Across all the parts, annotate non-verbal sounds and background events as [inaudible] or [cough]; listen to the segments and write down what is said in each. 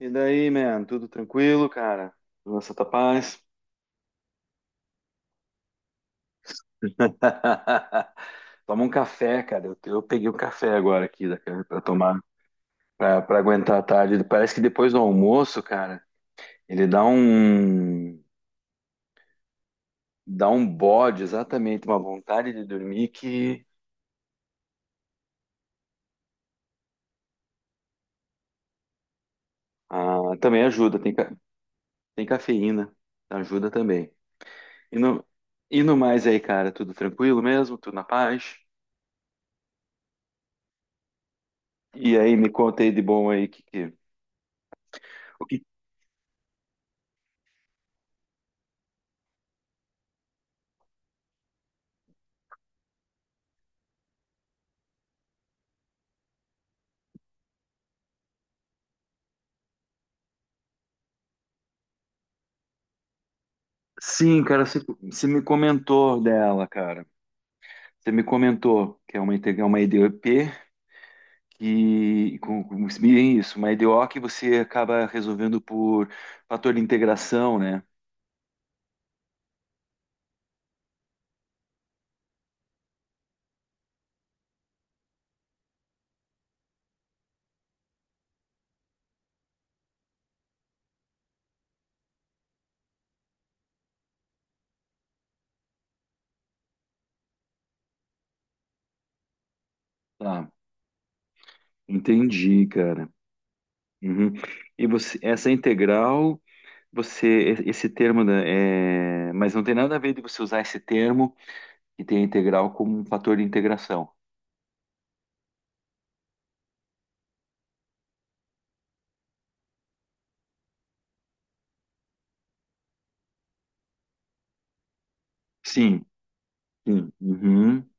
E daí, man? Tudo tranquilo, cara? Nossa, tá paz? [laughs] Toma um café, cara. Eu peguei um café agora aqui da- pra tomar, pra aguentar a tarde. Parece que depois do almoço, cara, ele dá um bode, exatamente, uma vontade de dormir que ah, também ajuda. Tem cafeína, ajuda também. E no, e no mais aí, cara, tudo tranquilo mesmo? Tudo na paz? E aí, me conta aí de bom aí, que, o sim, cara, você me comentou dela, cara. Você me comentou que é é uma IDP que com- bem isso, uma IDO que você acaba resolvendo por fator de integração, né? Tá, entendi, cara. Uhum. E você, essa integral, você, esse termo, mas não tem nada a ver de você usar esse termo que tem a integral como um fator de integração. Sim, sim. Uhum.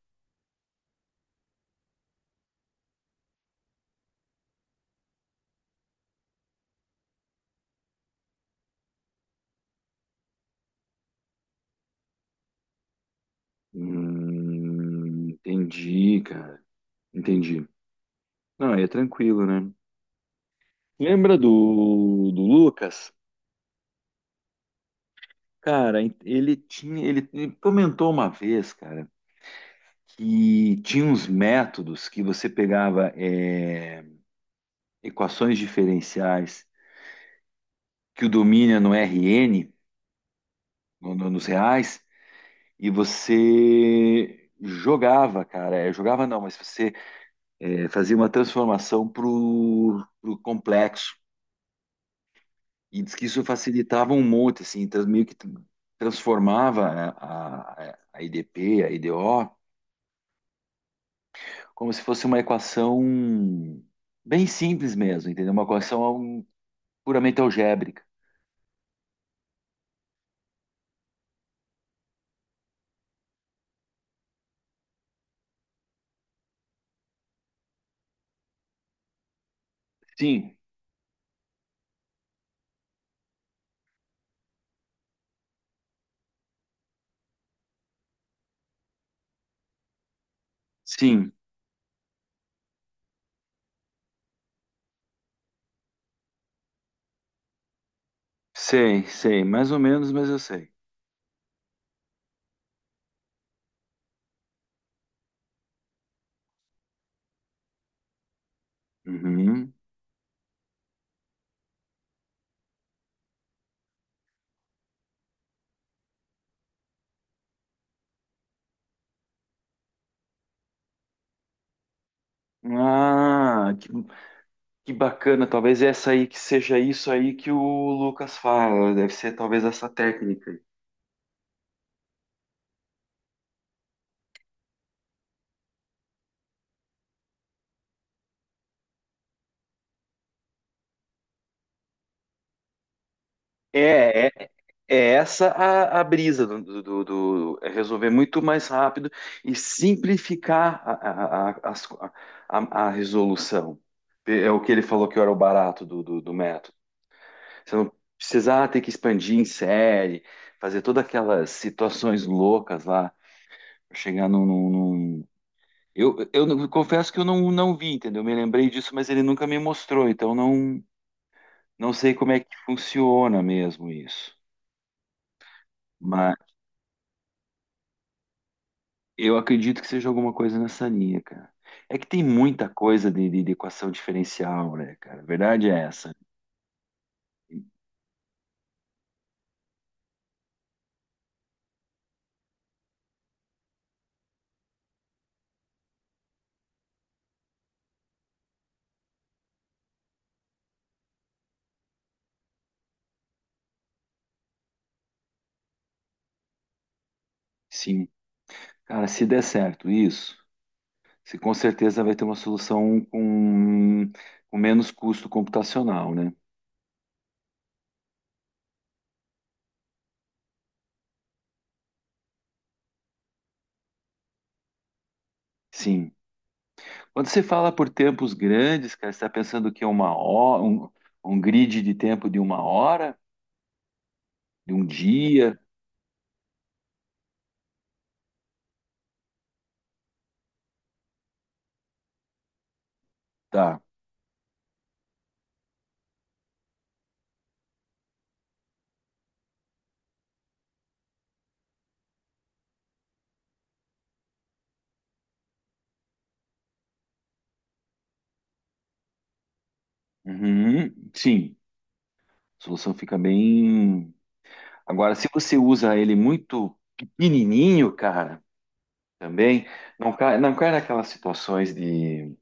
Entendi, cara. Entendi. Não, aí é tranquilo, né? Lembra do, Lucas? Cara, ele comentou uma vez, cara, que tinha uns métodos que você pegava equações diferenciais que o domínio é no RN, nos reais, e você jogava, cara, jogava não, mas você fazia uma transformação pro complexo. E diz que isso facilitava um monte, assim, meio que transformava, né, a IDP, a IDO, como se fosse uma equação bem simples mesmo, entendeu? Uma equação puramente algébrica. Sim, sim, sei, sei, mais ou menos, mas eu sei. Uhum. Ah, que bacana, talvez essa aí que seja isso aí que o Lucas fala, deve ser talvez essa técnica. É, é, é essa a brisa do, é resolver muito mais rápido e simplificar as resolução. É o que ele falou que era o barato do, do método. Você não precisar ter que expandir em série, fazer todas aquelas situações loucas lá, pra chegar num, num- num- eu não- Confesso que eu não vi, entendeu? Me lembrei disso, mas ele nunca me mostrou, então não sei como é que funciona mesmo isso. Eu acredito que seja alguma coisa nessa linha, cara. É que tem muita coisa de, de equação diferencial, né, cara? A verdade é essa. Sim. Cara, se der certo isso, se com certeza vai ter uma solução com menos custo computacional, né? Sim. Quando você fala por tempos grandes, cara, você está pensando que é uma hora, um grid de tempo de uma hora, de um dia, tá? Uhum. Sim. A solução fica bem. Agora, se você usa ele muito pequenininho, cara, também não cai naquelas situações de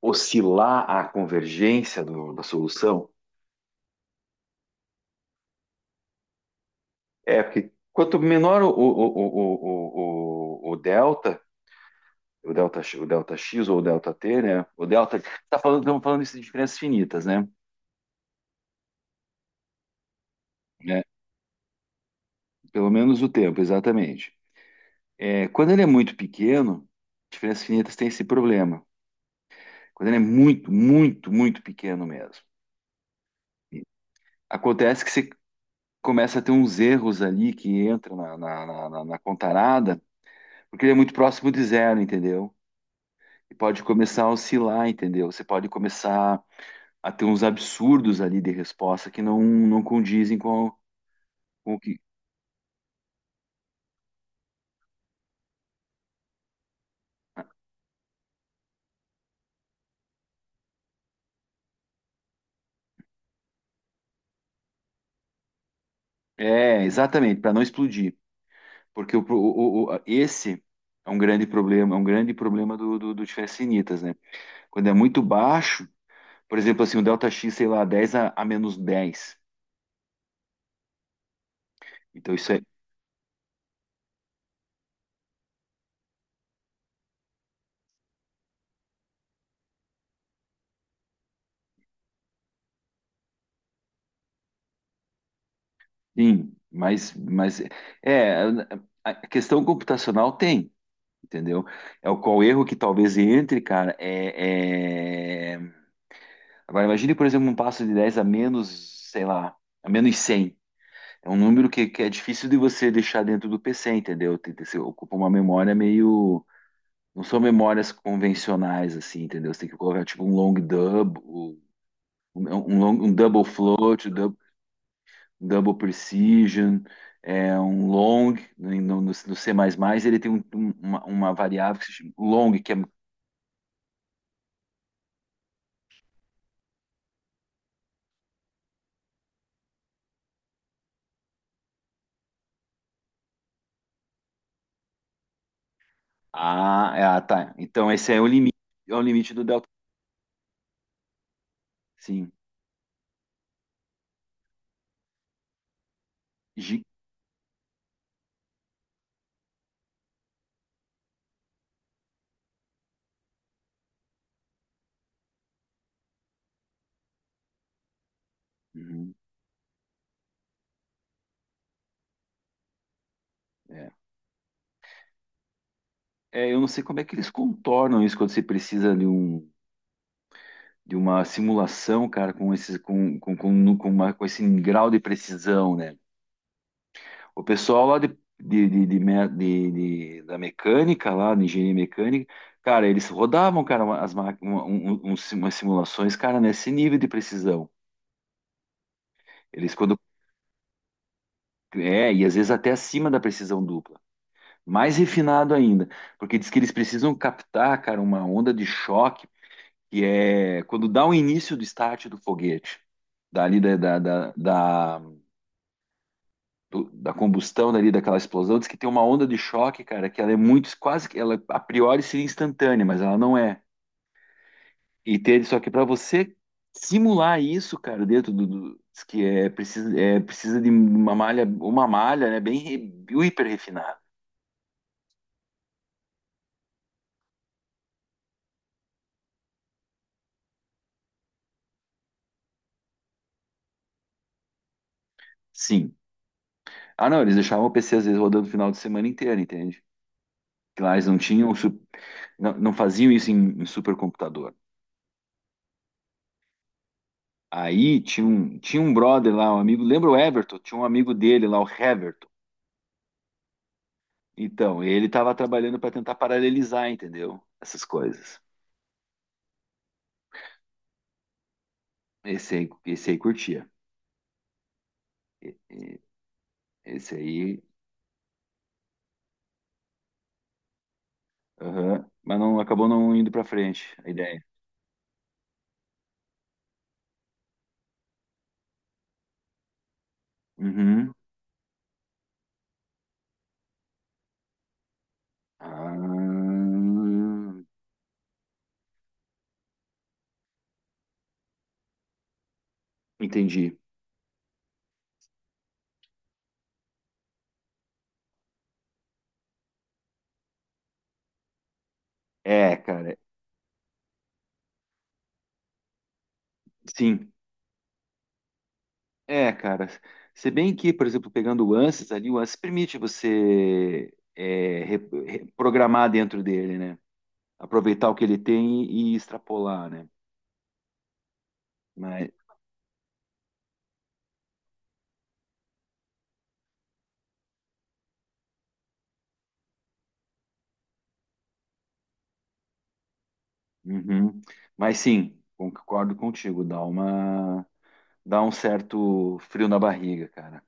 oscilar a convergência da solução. É porque quanto menor o delta, o delta x ou o delta t, né? O delta, estamos falando isso de diferenças finitas, né? Né? Pelo menos o tempo, exatamente. É, quando ele é muito pequeno, diferenças finitas têm esse problema. Quando ele é muito, muito, muito pequeno mesmo. Acontece que você começa a ter uns erros ali que entram na contarada, porque ele é muito próximo de zero, entendeu? E pode começar a oscilar, entendeu? Você pode começar a ter uns absurdos ali de resposta que não condizem com o que. É, exatamente, para não explodir. Porque o, pro- o- esse é um grande problema, é um grande problema do, do diferença initas, né? Quando é muito baixo, por exemplo, assim, o delta x, sei lá, 10 a menos dez. Então, isso é, sim, mas, é, a questão computacional tem, entendeu? É o qual erro que talvez entre, cara, é, é- Agora, imagine, por exemplo, um passo de 10 a menos, sei lá, a menos 100. É um número que é difícil de você deixar dentro do PC, entendeu? Tem, você ocupa uma memória meio... Não são memórias convencionais, assim, entendeu? Você tem que colocar, tipo, um long double, um double float, double precision, é um long, né, no, no C++, ele tem uma variável que se chama long, que é, ah, tá. Então esse é o limite do delta. Sim. Gi- Uhum, é. É, eu não sei como é que eles contornam isso quando você precisa de um... De uma simulação, cara, com esse, com, uma, com esse grau de precisão, né? O pessoal lá de me- de- da mecânica, lá, de engenharia mecânica, cara, eles rodavam, cara, as máquinas, umas simulações, cara, nesse nível de precisão. Eles quando. É, e às vezes até acima da precisão dupla. Mais refinado ainda, porque diz que eles precisam captar, cara, uma onda de choque, que é quando dá o início do start do foguete, dali da combustão ali, daquela explosão, diz que tem uma onda de choque, cara, que ela é muito, quase que ela a priori seria instantânea, mas ela não é. E ter, só que para você simular isso, cara, dentro do, diz que é precisa de uma malha, né, bem hiper refinada. Sim. Ah, não, eles deixavam o PC às vezes rodando o final de semana inteiro, entende? Que lá eles não tinham, su- não faziam isso em, supercomputador. Aí tinha um, brother lá, um amigo, lembra o Everton? Tinha um amigo dele lá, o Heverton. Então, ele estava trabalhando para tentar paralelizar, entendeu? Essas coisas. Esse aí curtia. Esse aí, aham. Mas não acabou não indo para frente a ideia. Uhum. Ah, entendi. É, cara. Sim. É, cara. Se bem que, por exemplo, pegando o ANSYS ali, o ANSYS permite você programar dentro dele, né? Aproveitar o que ele tem e extrapolar, né? Mas, uhum. Mas sim, concordo contigo, dá um certo frio na barriga, cara.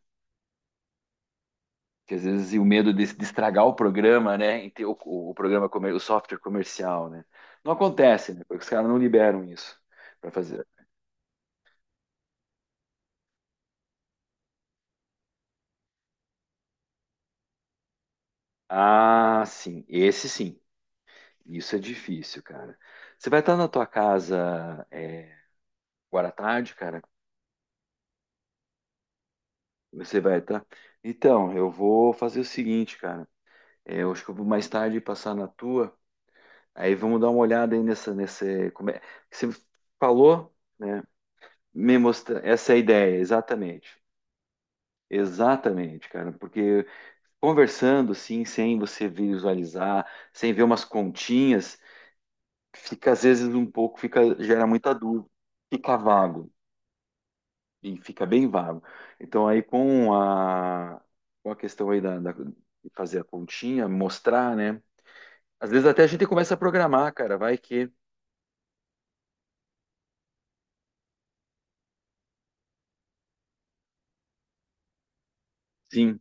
Que às vezes e o medo de estragar o programa, né? E ter o, o software comercial, né? Não acontece, né? Porque os caras não liberam isso para fazer. Ah, sim, esse sim. Isso é difícil, cara. Você vai estar na tua casa agora à tarde, cara? Você vai estar. Então, eu vou fazer o seguinte, cara. É, eu acho que eu vou mais tarde passar na tua. Aí vamos dar uma olhada aí nessa, nesse, como é, que você falou, né? Me mostra, essa é a ideia, exatamente. Exatamente, cara, porque conversando assim, sem você visualizar, sem ver umas continhas, fica às vezes um pouco, fica, gera muita dúvida, fica vago, e fica bem vago. Então aí com a questão aí de fazer a continha, mostrar, né? Às vezes até a gente começa a programar, cara, vai que sim,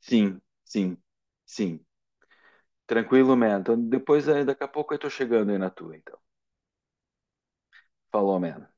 sim, sim. Sim. Tranquilo, man. Então, depois, aí, daqui a pouco eu tô chegando aí na tua, então. Falou, man.